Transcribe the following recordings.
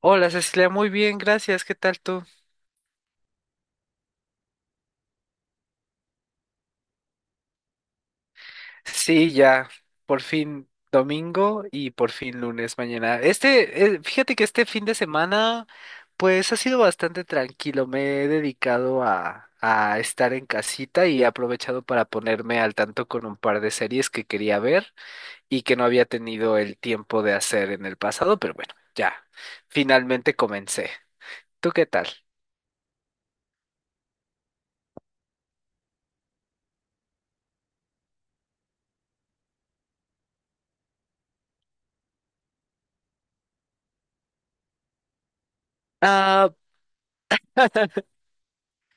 Hola Cecilia, muy bien, gracias. ¿Qué tal tú? Sí, ya, por fin domingo y por fin lunes mañana. Fíjate que este fin de semana, pues ha sido bastante tranquilo. Me he dedicado a estar en casita y he aprovechado para ponerme al tanto con un par de series que quería ver y que no había tenido el tiempo de hacer en el pasado, pero bueno, ya, finalmente comencé. ¿Tú qué tal? Ah.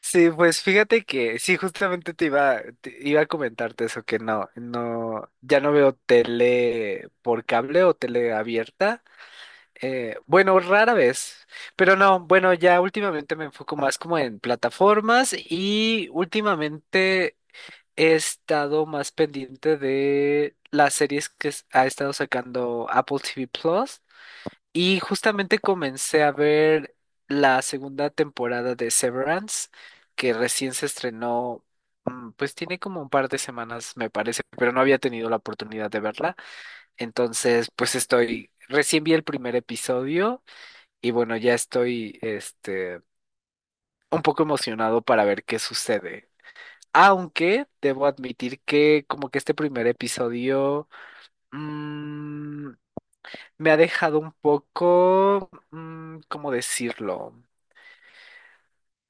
Sí, pues fíjate que sí, justamente te iba a comentarte eso, que no, no, ya no veo tele por cable o tele abierta. Bueno, Rara vez, pero no, bueno, ya últimamente me enfoco más como en plataformas y últimamente he estado más pendiente de las series que ha estado sacando Apple TV Plus. Y justamente comencé a ver la segunda temporada de Severance, que recién se estrenó, mm, pues tiene como un par de semanas, me parece, pero no había tenido la oportunidad de verla. Entonces, pues estoy, recién vi el primer episodio y bueno, ya estoy, un poco emocionado para ver qué sucede. Aunque debo admitir que como que este primer episodio... mm, me ha dejado un poco, ¿cómo decirlo?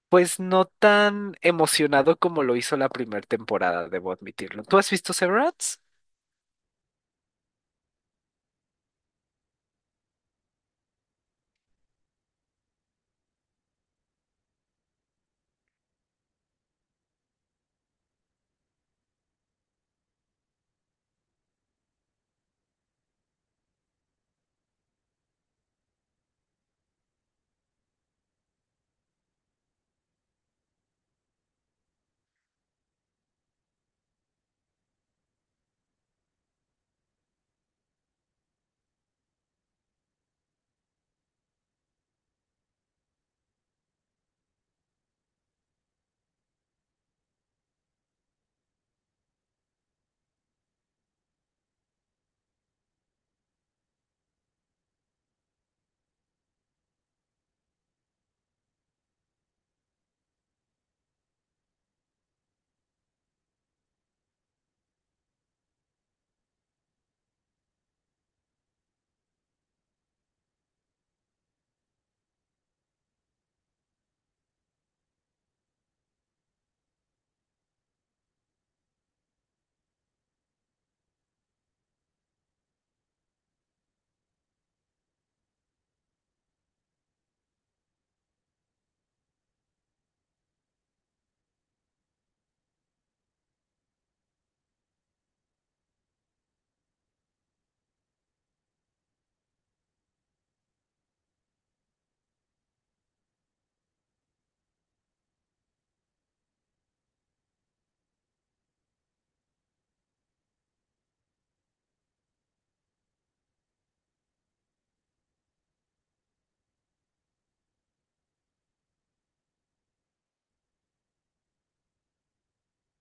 Pues no tan emocionado como lo hizo la primera temporada, debo admitirlo. ¿Tú has visto Severance?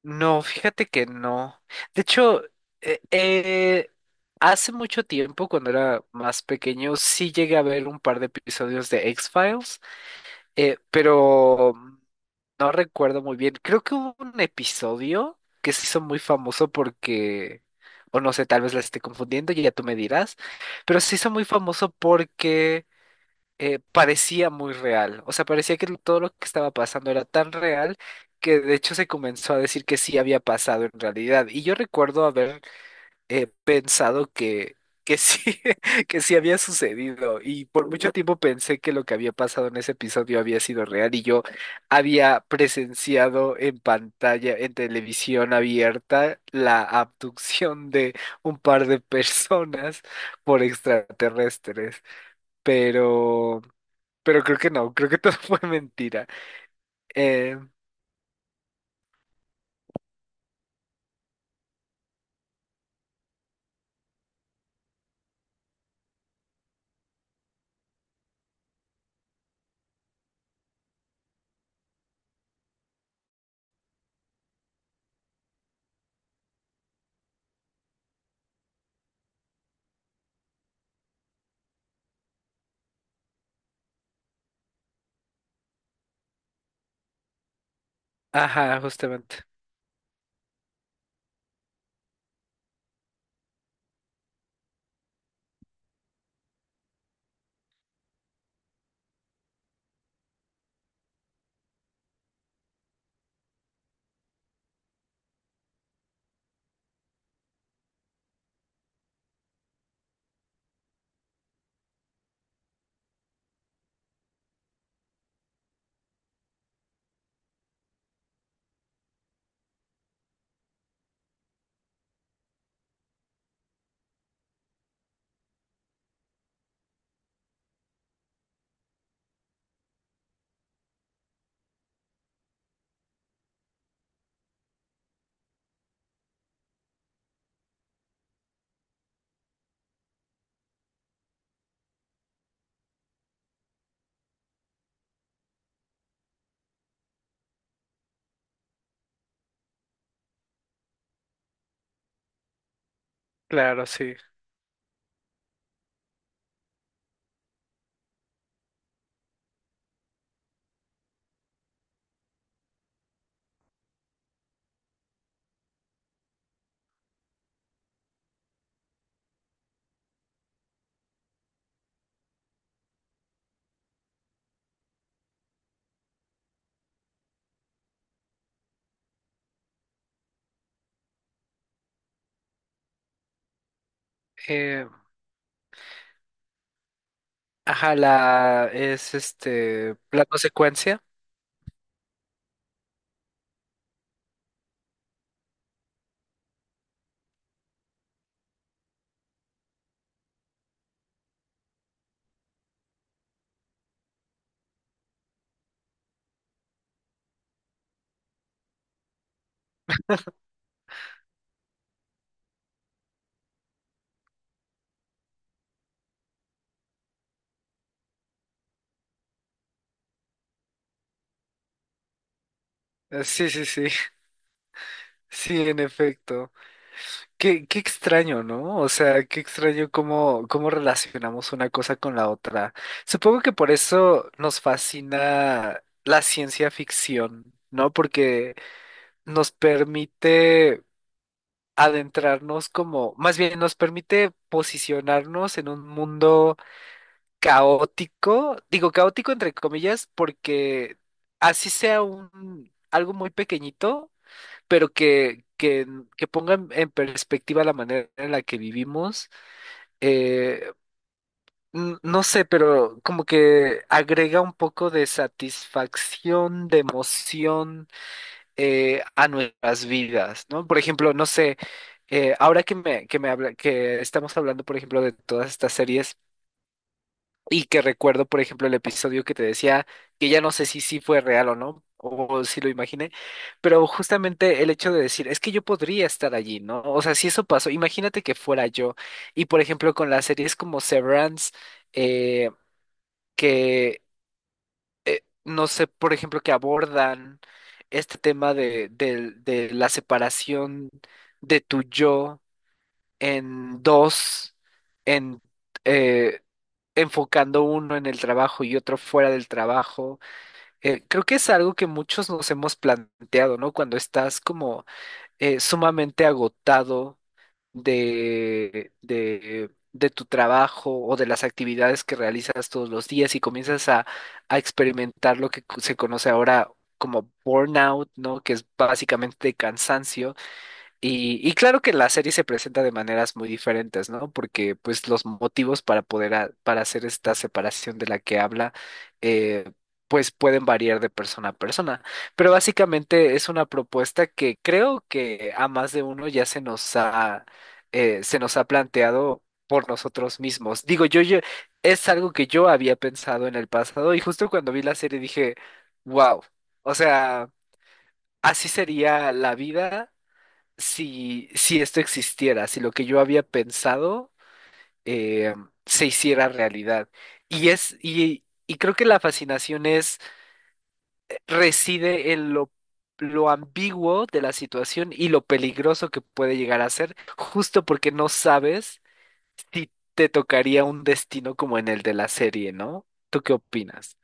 No, fíjate que no. De hecho, eh, eh, hace mucho tiempo, cuando era más pequeño, sí llegué a ver un par de episodios de X-Files. Pero no recuerdo muy bien. Creo que hubo un episodio que se hizo muy famoso porque, o no sé, tal vez la esté confundiendo y ya tú me dirás, pero se hizo muy famoso porque parecía muy real. O sea, parecía que todo lo que estaba pasando era tan real que de hecho se comenzó a decir que sí había pasado en realidad. Y yo recuerdo haber he pensado que sí, que sí había sucedido. Y por mucho tiempo pensé que lo que había pasado en ese episodio había sido real y yo había presenciado en pantalla, en televisión abierta, la abducción de un par de personas por extraterrestres. Pero, pero creo que no, creo que todo fue mentira. Eh, ajá, justamente. Claro, sí. Eh, ajá, la es este la consecuencia. Sí, sí, sí, sí, en efecto. Qué, qué extraño, ¿no? O sea, qué extraño cómo, cómo relacionamos una cosa con la otra. Supongo que por eso nos fascina la ciencia ficción, ¿no? Porque nos permite adentrarnos como, más bien nos permite posicionarnos en un mundo caótico, digo caótico entre comillas, porque así sea un algo muy pequeñito pero que pongan en perspectiva la manera en la que vivimos, eh, no sé, pero como que agrega un poco de satisfacción, de emoción a nuestras vidas, ¿no? Por ejemplo, no sé, ahora que me habla, que estamos hablando, por ejemplo, de todas estas series. Y que recuerdo, por ejemplo, el episodio que te decía, que ya no sé si sí fue real o no, o si lo imaginé, pero justamente el hecho de decir, es que yo podría estar allí, ¿no? O sea, si eso pasó, imagínate que fuera yo. Y por ejemplo, con las series como Severance, eh, que no sé, por ejemplo, que abordan este tema de la separación de tu yo en dos, en... eh, enfocando uno en el trabajo y otro fuera del trabajo. Creo que es algo que muchos nos hemos planteado, ¿no? Cuando estás como sumamente agotado de tu trabajo o de las actividades que realizas todos los días y comienzas a experimentar lo que se conoce ahora como burnout, ¿no? Que es básicamente cansancio. Y claro que la serie se presenta de maneras muy diferentes, ¿no? Porque pues los motivos para para hacer esta separación de la que habla, eh, pues pueden variar de persona a persona. Pero básicamente es una propuesta que creo que a más de uno se nos ha planteado por nosotros mismos. Digo, yo es algo que yo había pensado en el pasado y justo cuando vi la serie dije, wow, o sea, así sería la vida si, si esto existiera, si lo que yo había pensado eh, se hiciera realidad. Y creo que la fascinación es, reside en lo ambiguo de la situación y lo peligroso que puede llegar a ser, justo porque no sabes si te tocaría un destino como en el de la serie, ¿no? ¿Tú qué opinas?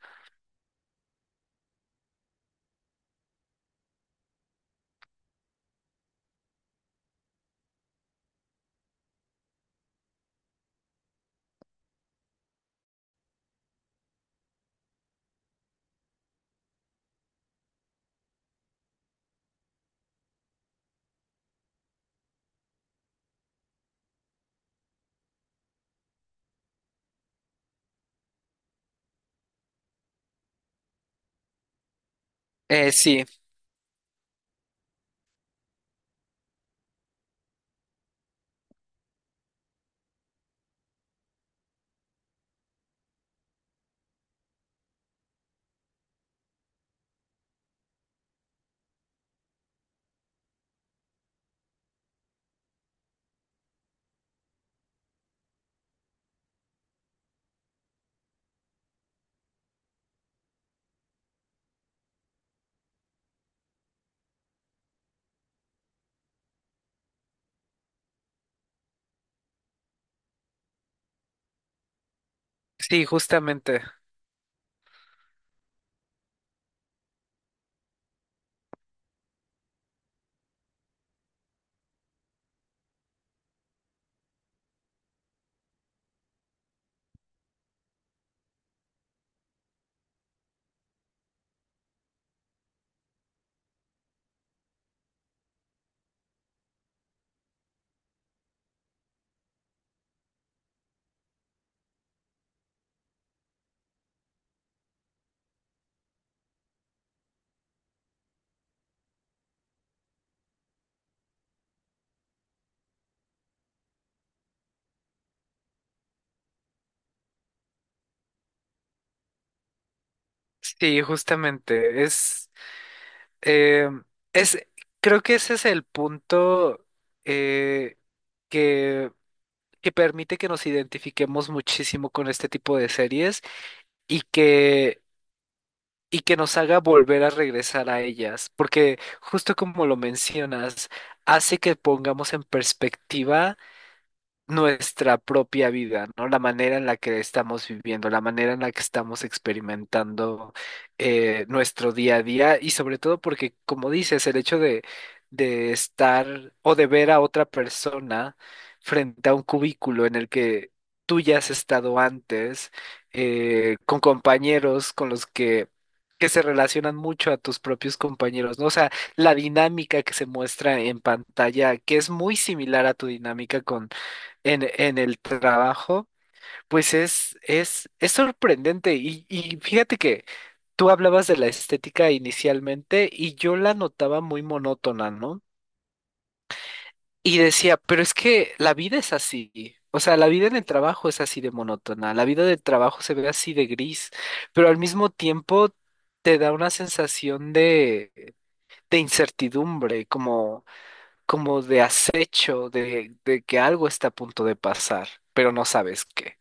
Sí, sí, justamente. Sí, justamente. Es. Eh, es, Creo que ese es el punto eh, que, que permite que nos identifiquemos muchísimo con este tipo de series y que, y que nos haga volver a regresar a ellas, porque justo como lo mencionas, hace que pongamos en perspectiva nuestra propia vida, ¿no? La manera en la que estamos viviendo, la manera en la que estamos experimentando nuestro día a día y sobre todo porque, como dices, el hecho de estar o de ver a otra persona frente a un cubículo en el que tú ya has estado antes, con compañeros con los que se relacionan mucho a tus propios compañeros, ¿no? O sea, la dinámica que se muestra en pantalla, que es muy similar a tu dinámica con en el trabajo, pues es sorprendente. Y fíjate que tú hablabas de la estética inicialmente y yo la notaba muy monótona, ¿no? Y decía, pero es que la vida es así. O sea, la vida en el trabajo es así de monótona, la vida del trabajo se ve así de gris, pero al mismo tiempo te da una sensación de incertidumbre, como, como de acecho, de que algo está a punto de pasar, pero no sabes qué.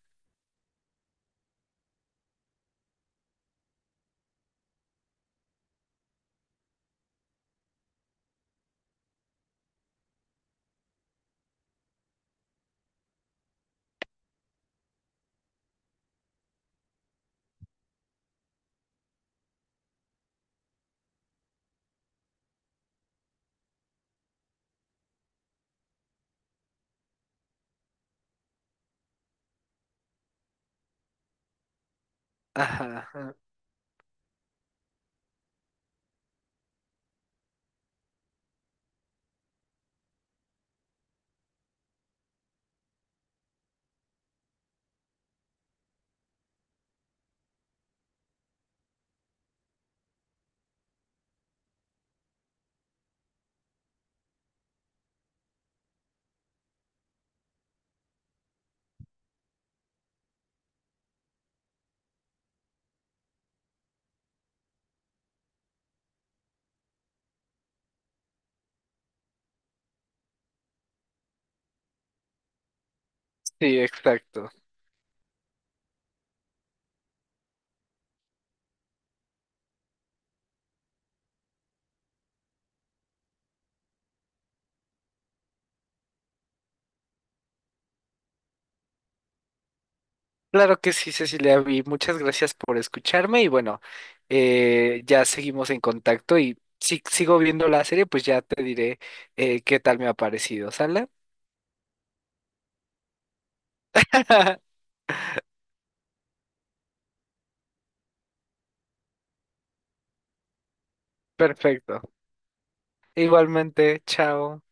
Ajá, ajá. Sí, exacto. Claro que sí, Cecilia, y muchas gracias por escucharme y bueno, ya seguimos en contacto y si sigo viendo la serie, pues ya te diré qué tal me ha parecido, ¿sale? Perfecto. Igualmente, chao.